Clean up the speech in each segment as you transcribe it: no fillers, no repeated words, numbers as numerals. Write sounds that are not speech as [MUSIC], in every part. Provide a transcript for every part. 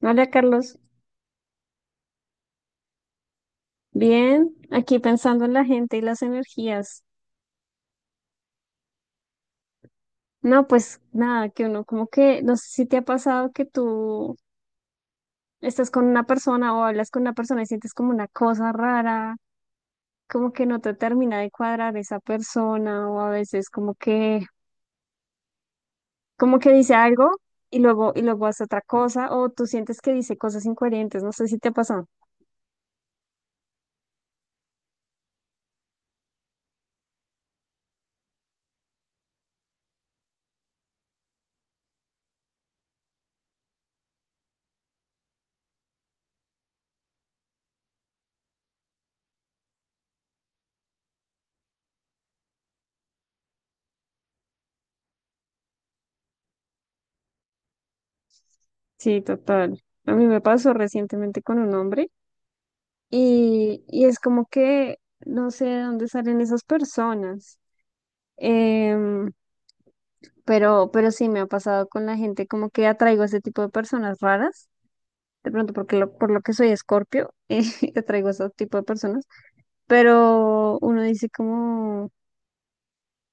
Hola Carlos, bien, aquí pensando en la gente y las energías. No, pues nada, que uno como que, no sé si te ha pasado que tú estás con una persona o hablas con una persona y sientes como una cosa rara, como que no te termina de cuadrar esa persona o a veces como que dice algo y luego hace otra cosa o tú sientes que dice cosas incoherentes, no sé si te ha pasado. Sí, total. A mí me pasó recientemente con un hombre. Y es como que no sé de dónde salen esas personas. Em, pero sí me ha pasado con la gente, como que atraigo a ese tipo de personas raras. De pronto, porque por lo que soy Escorpio, [LAUGHS] atraigo a ese tipo de personas. Pero uno dice como,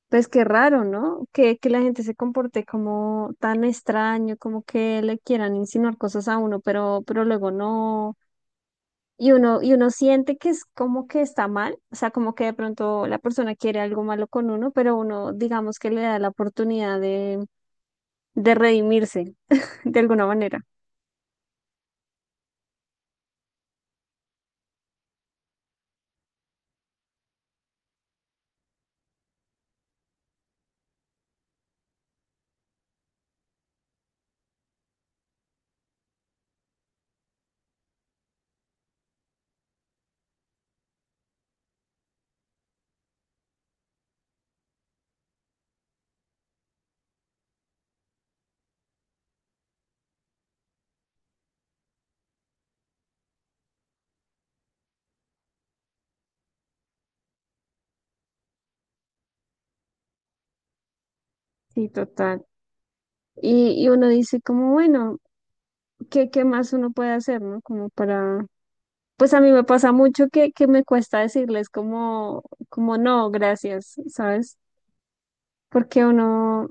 pues qué raro, ¿no? Que la gente se comporte como tan extraño, como que le quieran insinuar cosas a uno, pero luego no. Y uno siente que es como que está mal, o sea, como que de pronto la persona quiere algo malo con uno, pero uno digamos que le da la oportunidad de redimirse [LAUGHS] de alguna manera. Sí, total. Y uno dice como, bueno, ¿qué más uno puede hacer?, ¿no? Como para... Pues a mí me pasa mucho que me cuesta decirles como, como no, gracias, ¿sabes? Porque uno,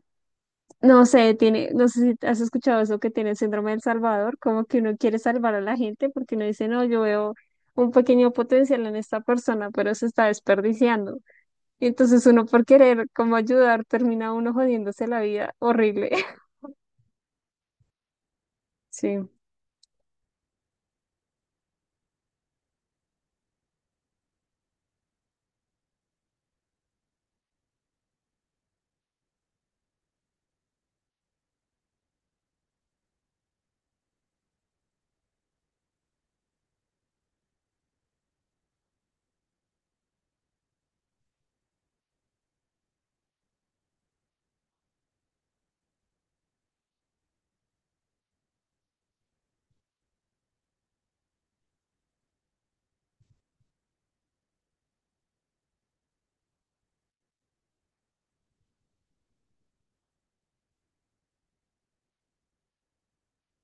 no sé, tiene, no sé si has escuchado eso que tiene el síndrome del Salvador, como que uno quiere salvar a la gente porque uno dice, no, yo veo un pequeño potencial en esta persona, pero se está desperdiciando. Y entonces uno por querer como ayudar termina uno jodiéndose la vida horrible. [LAUGHS] Sí,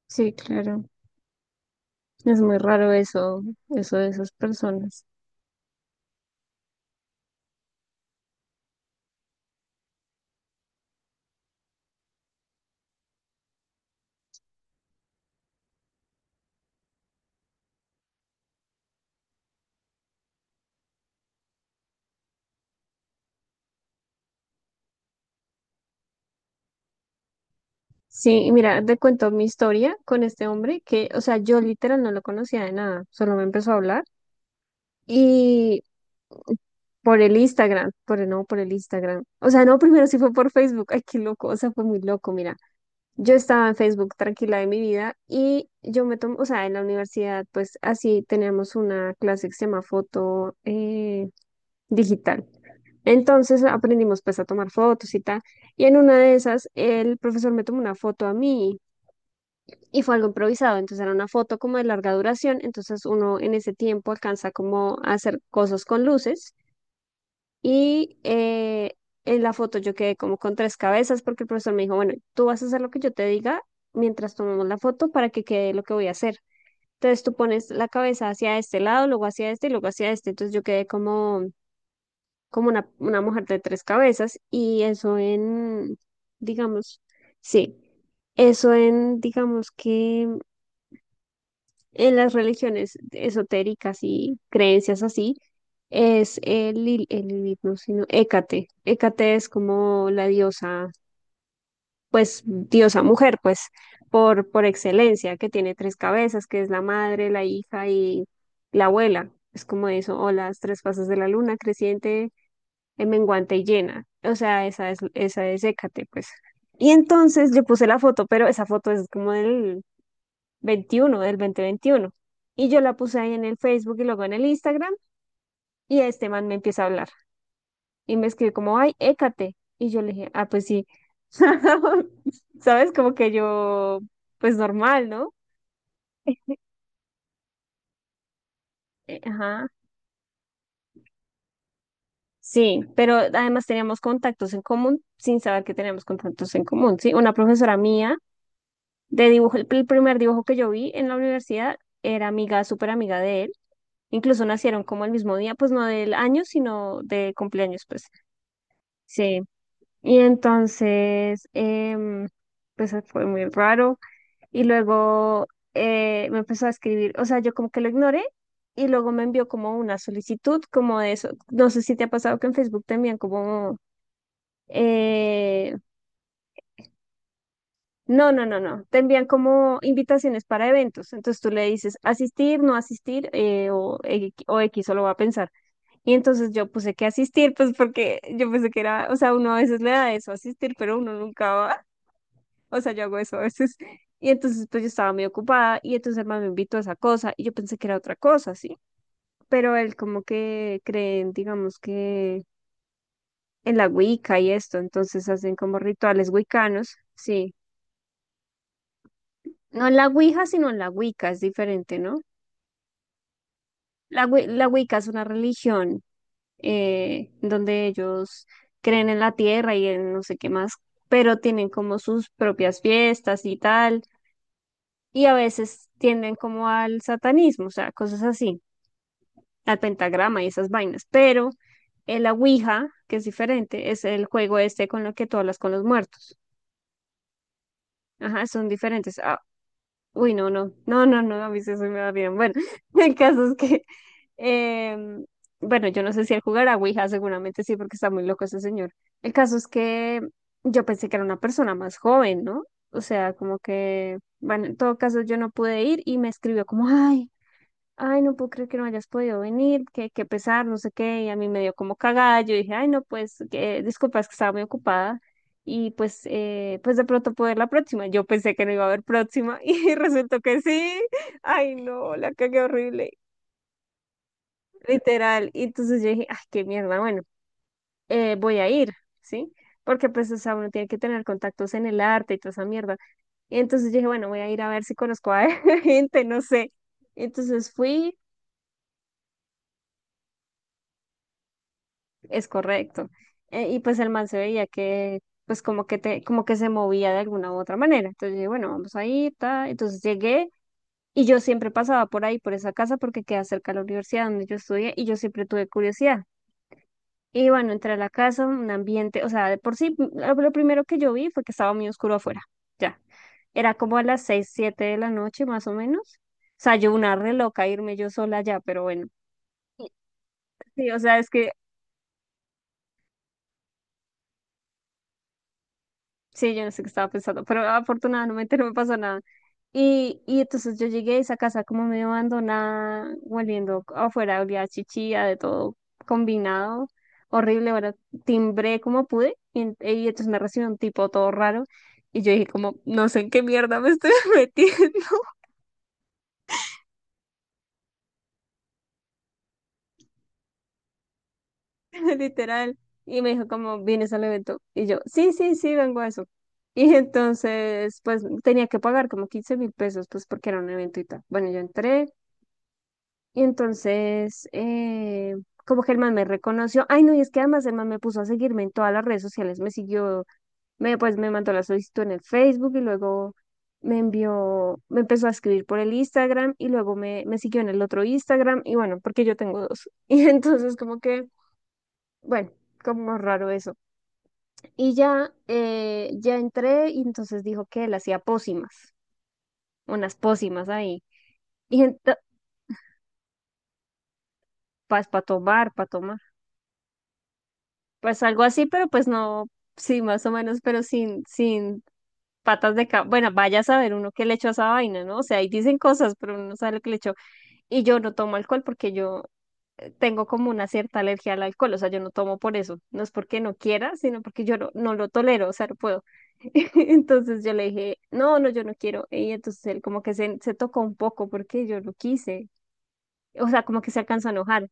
sí, claro. Es muy raro eso, eso de esas personas. Sí, y mira, te cuento mi historia con este hombre que, o sea, yo literal no lo conocía de nada, solo me empezó a hablar. y Por el Instagram, no, por el Instagram. O sea, no, primero sí fue por Facebook. Ay, qué loco, o sea, fue muy loco, mira. Yo estaba en Facebook tranquila de mi vida y yo me tomo, o sea, en la universidad, pues así teníamos una clase que se llama foto digital. Entonces aprendimos pues a tomar fotos y tal. Y en una de esas, el profesor me tomó una foto a mí y fue algo improvisado. Entonces era una foto como de larga duración. Entonces uno en ese tiempo alcanza como a hacer cosas con luces. Y en la foto yo quedé como con tres cabezas porque el profesor me dijo, bueno, tú vas a hacer lo que yo te diga mientras tomamos la foto para que quede lo que voy a hacer. Entonces tú pones la cabeza hacia este lado, luego hacia este y luego hacia este. Entonces yo quedé como, como una mujer de tres cabezas y eso en, digamos, sí, eso en, digamos que en las religiones esotéricas y creencias así, es el, el Lilith, no, sino Hécate. Hécate es como la diosa, pues diosa mujer, pues por excelencia, que tiene tres cabezas, que es la madre, la hija y la abuela. Es como eso, o las tres fases de la luna, creciente, menguante y llena. O sea, esa es Hécate, pues. Y entonces yo puse la foto, pero esa foto es como del, 21 del 2021. Y yo la puse ahí en el Facebook y luego en el Instagram y este man me empieza a hablar y me escribe como, ay, écate. Y yo le dije, ah, pues sí. [LAUGHS] ¿Sabes? Como que yo, pues normal, ¿no? Ajá. Sí, pero además teníamos contactos en común sin saber que teníamos contactos en común, ¿sí? Una profesora mía de dibujo, el primer dibujo que yo vi en la universidad era amiga, súper amiga de él. Incluso nacieron como el mismo día, pues no del año, sino de cumpleaños, pues. Sí, y entonces, pues fue muy raro. Y luego me empezó a escribir, o sea, yo como que lo ignoré y luego me envió como una solicitud, como de eso. No sé si te ha pasado que en Facebook te envían como, eh, no, no, no, no, te envían como invitaciones para eventos. Entonces tú le dices asistir, no asistir o, o X solo va a pensar. Y entonces yo puse que asistir, pues porque yo pensé que era, o sea, uno a veces le da eso, asistir, pero uno nunca va. O sea, yo hago eso a veces. Y entonces, pues yo estaba muy ocupada y entonces el man me invitó a esa cosa y yo pensé que era otra cosa, ¿sí? Pero él como que creen, digamos que en la Wicca y esto, entonces hacen como rituales wiccanos, sí. No en la Ouija, sino en la Wicca, es diferente, ¿no? La, la Wicca es una religión donde ellos creen en la tierra y en no sé qué más, pero tienen como sus propias fiestas y tal, y a veces tienden como al satanismo, o sea, cosas así. Al pentagrama y esas vainas, pero el la Ouija, que es diferente, es el juego este con lo que tú hablas con los muertos. Ajá, son diferentes. Ah, uy, no, no, no, no, no, a mí eso me va bien. Bueno, [LAUGHS] el caso es que, eh, bueno, yo no sé si él jugará Ouija, seguramente sí, porque está muy loco ese señor. El caso es que yo pensé que era una persona más joven, ¿no? O sea, como que, bueno, en todo caso yo no pude ir y me escribió como, ay, ay, no puedo creer que no hayas podido venir, que qué pesar, no sé qué, y a mí me dio como cagada, yo dije, ay, no, pues, que, disculpa, es que estaba muy ocupada, y pues, pues de pronto puedo ir la próxima, yo pensé que no iba a haber próxima, [LAUGHS] y resultó que sí, ay, no, la cagué horrible, literal, y entonces yo dije, ay, qué mierda, bueno, voy a ir, ¿sí? Porque pues, o sea, uno tiene que tener contactos en el arte y toda esa mierda, y entonces yo dije, bueno, voy a ir a ver si conozco a [LAUGHS] gente, no sé, entonces fui. Es correcto. Y pues el man se veía que, pues como que te, como que se movía de alguna u otra manera. Entonces yo dije, bueno, vamos ahí, ta. Entonces llegué y yo siempre pasaba por ahí, por esa casa, porque queda cerca de la universidad donde yo estudié y yo siempre tuve curiosidad. Y bueno, entré a la casa, un ambiente, o sea, de por sí, lo primero que yo vi fue que estaba muy oscuro afuera. Ya. Era como a las seis, siete de la noche más o menos. O sea, yo una re loca irme yo sola allá, pero bueno. Sí, o sea, es que sí, yo no sé qué estaba pensando, pero afortunadamente no me pasó nada. Y entonces yo llegué a esa casa como medio abandonada, volviendo afuera, olía a chichilla, de todo combinado, horrible. Bueno, timbré como pude y entonces me recibió un tipo todo raro. Y yo dije como, no sé en qué mierda me estoy [LAUGHS] metiendo, [LAUGHS] literal. Y me dijo como, ¿vienes al evento? Y yo, sí, sí, sí, vengo a eso. Y entonces, pues tenía que pagar como 15.000 pesos, pues porque era un evento y tal. Bueno, yo entré. Y entonces, como que el man me reconoció. Ay, no, y es que además el man me puso a seguirme en todas las redes sociales. Me siguió, pues me mandó la solicitud en el Facebook y luego me envió, me empezó a escribir por el Instagram y luego me siguió en el otro Instagram. Y bueno, porque yo tengo dos. [LAUGHS] Y entonces, como que, bueno, como raro eso. Y ya, ya entré y entonces dijo que él hacía pócimas, unas pócimas ahí. Y entonces, para tomar, para tomar. Pues algo así, pero pues no, sí, más o menos, pero sin patas de cabra. Bueno, vaya a saber uno qué le echó a esa vaina, ¿no? O sea, ahí dicen cosas, pero uno no sabe lo que le echó. Y yo no tomo alcohol porque yo tengo como una cierta alergia al alcohol, o sea, yo no tomo por eso. No es porque no quiera, sino porque yo no, no lo tolero, o sea, no puedo. [LAUGHS] Entonces yo le dije, no, no, yo no quiero. Y entonces él como que se tocó un poco porque yo no quise. O sea, como que se alcanzó a enojar.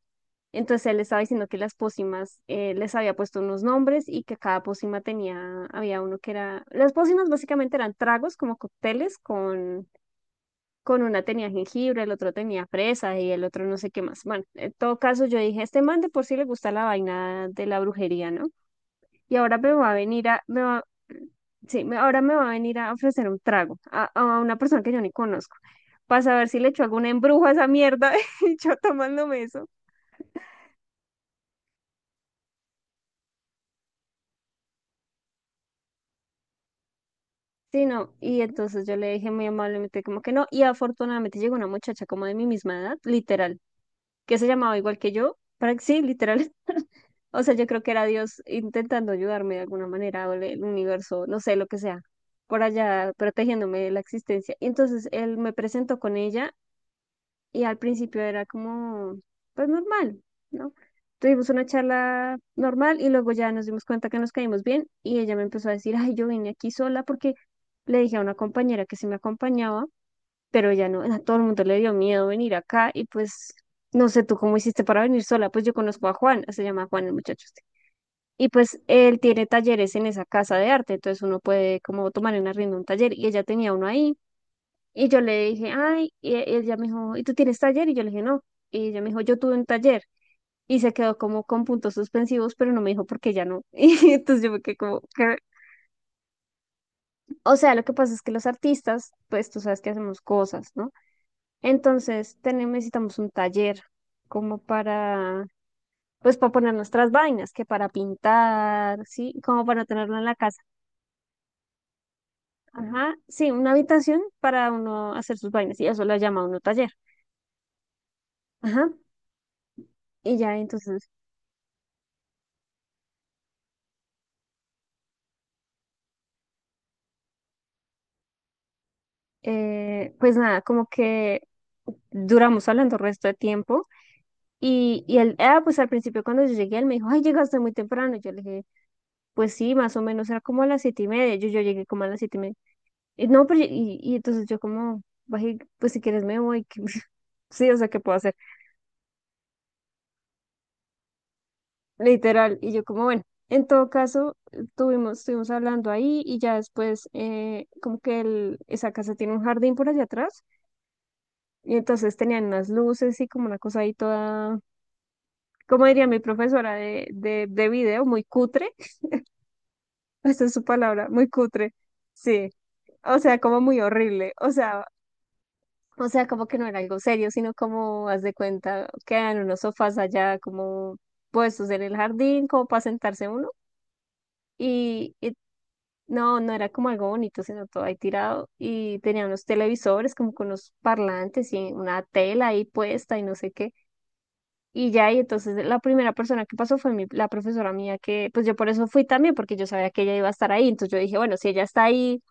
Entonces él estaba diciendo que las pócimas les había puesto unos nombres y que cada pócima tenía, había uno que era, las pócimas básicamente eran tragos como cócteles con una tenía jengibre, el otro tenía fresa y el otro no sé qué más. Bueno, en todo caso yo dije, este man de por sí le gusta la vaina de la brujería, ¿no? Y ahora me va a venir a, me va, sí, ahora me va a venir a ofrecer un trago a una persona que yo ni conozco. Para saber si le echo algún embrujo a esa mierda, [LAUGHS] y yo tomándome eso. Sí, no, y entonces yo le dije muy amablemente como que no, y afortunadamente llegó una muchacha como de mi misma edad, literal, que se llamaba igual que yo, para sí, literal, [LAUGHS] o sea, yo creo que era Dios intentando ayudarme de alguna manera, o el universo, no sé, lo que sea, por allá protegiéndome de la existencia. Y entonces él me presentó con ella y al principio era como, pues normal, ¿no? Tuvimos una charla normal y luego ya nos dimos cuenta que nos caímos bien y ella me empezó a decir, ay, yo vine aquí sola porque le dije a una compañera que se me acompañaba, pero ya no, a todo el mundo le dio miedo venir acá y pues no sé tú cómo hiciste para venir sola, pues yo conozco a Juan, se llama Juan el muchacho este. Y pues él tiene talleres en esa casa de arte, entonces uno puede como tomar en arriendo un taller y ella tenía uno ahí y yo le dije, ay, y ella me dijo, ¿y tú tienes taller? Y yo le dije, no. Y ella me dijo, yo tuve un taller. Y se quedó como con puntos suspensivos, pero no me dijo por qué ya no. [LAUGHS] Y entonces yo me quedé como, ¿qué? O sea, lo que pasa es que los artistas, pues tú sabes que hacemos cosas, ¿no? Entonces tenemos, necesitamos un taller como para, pues para poner nuestras vainas, que para pintar, ¿sí? Como para tenerlo en la casa. Ajá, sí, una habitación para uno hacer sus vainas. Y eso la llama uno taller. Ajá. Y ya entonces. Pues nada, como que duramos hablando el resto de tiempo y él, ah, pues al principio cuando yo llegué, él me dijo, ay, llegaste muy temprano. Yo le dije, pues sí, más o menos era como a las 7:30. Yo, yo llegué como a las 7:30. Y no, pero y entonces yo como, bajé, pues si quieres me voy. [LAUGHS] Sí, o sea, ¿qué puedo hacer? Literal. Y yo como, bueno, en todo caso, tuvimos, estuvimos hablando ahí y ya después, como que el, esa casa tiene un jardín por allá atrás. Y entonces tenían unas luces y como una cosa ahí toda como diría mi profesora de video, muy cutre, [LAUGHS] esa es su palabra, muy cutre, sí, o sea, como muy horrible, o sea, como que no era algo serio, sino como, haz de cuenta, quedan unos sofás allá como puestos en el jardín, como para sentarse uno, y no, no era como algo bonito, sino todo ahí tirado, y tenía unos televisores como con unos parlantes y una tela ahí puesta y no sé qué. Y ya, y entonces la primera persona que pasó fue mi, la profesora mía, que pues yo por eso fui también, porque yo sabía que ella iba a estar ahí. Entonces yo dije, bueno, si ella está ahí,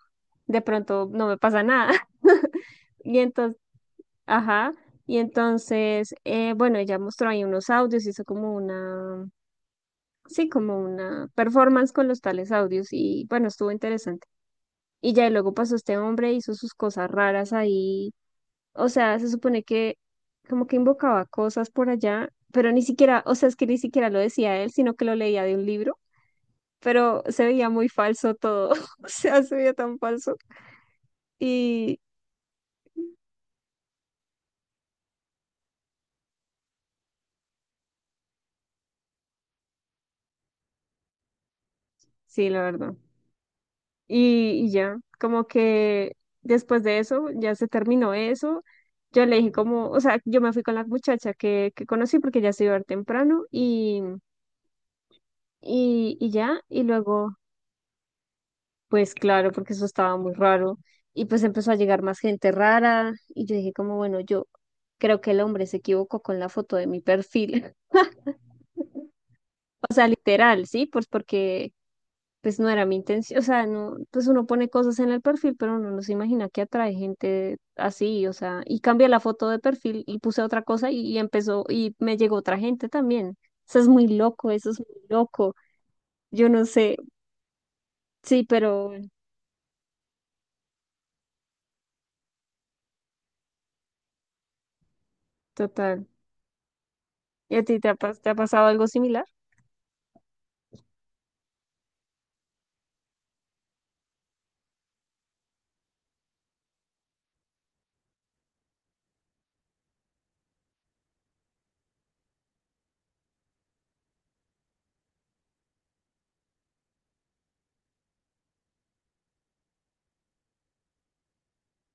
de pronto no me pasa nada. [LAUGHS] Y entonces, ajá. Y entonces, bueno, ella mostró ahí unos audios, hizo como una, sí, como una performance con los tales audios. Y bueno, estuvo interesante. Y ya, y luego pasó este hombre, hizo sus cosas raras ahí o sea, se supone que como que invocaba cosas por allá, pero ni siquiera, o sea, es que ni siquiera lo decía él, sino que lo leía de un libro, pero se veía muy falso todo, [LAUGHS] o sea, se veía tan falso. Y sí, la verdad. Y ya, como que después de eso, ya se terminó eso. Yo le dije como, o sea, yo me fui con la muchacha que conocí porque ya se iba a ir temprano y ya, y luego... Pues claro, porque eso estaba muy raro. Y pues empezó a llegar más gente rara. Y yo dije como, bueno, yo creo que el hombre se equivocó con la foto de mi perfil. [LAUGHS] O sea, literal, ¿sí? Pues porque pues no era mi intención. O sea, no, pues uno pone cosas en el perfil, pero uno no se imagina que atrae gente así. O sea, y cambié la foto de perfil y puse otra cosa y empezó, y me llegó otra gente también. Eso es muy loco, eso es muy loco. Yo no sé, sí, pero total. ¿Y a ti te ha, te ha pasado algo similar?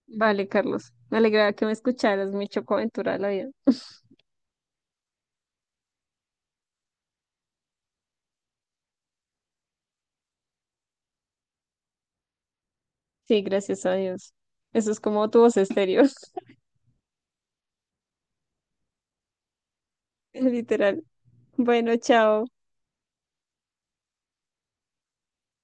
Vale, Carlos. Me alegra que me escucharas, mi chocoaventura de la vida. Sí, gracias a Dios. Eso es como tu voz estéreo, [LAUGHS] literal. Bueno, chao.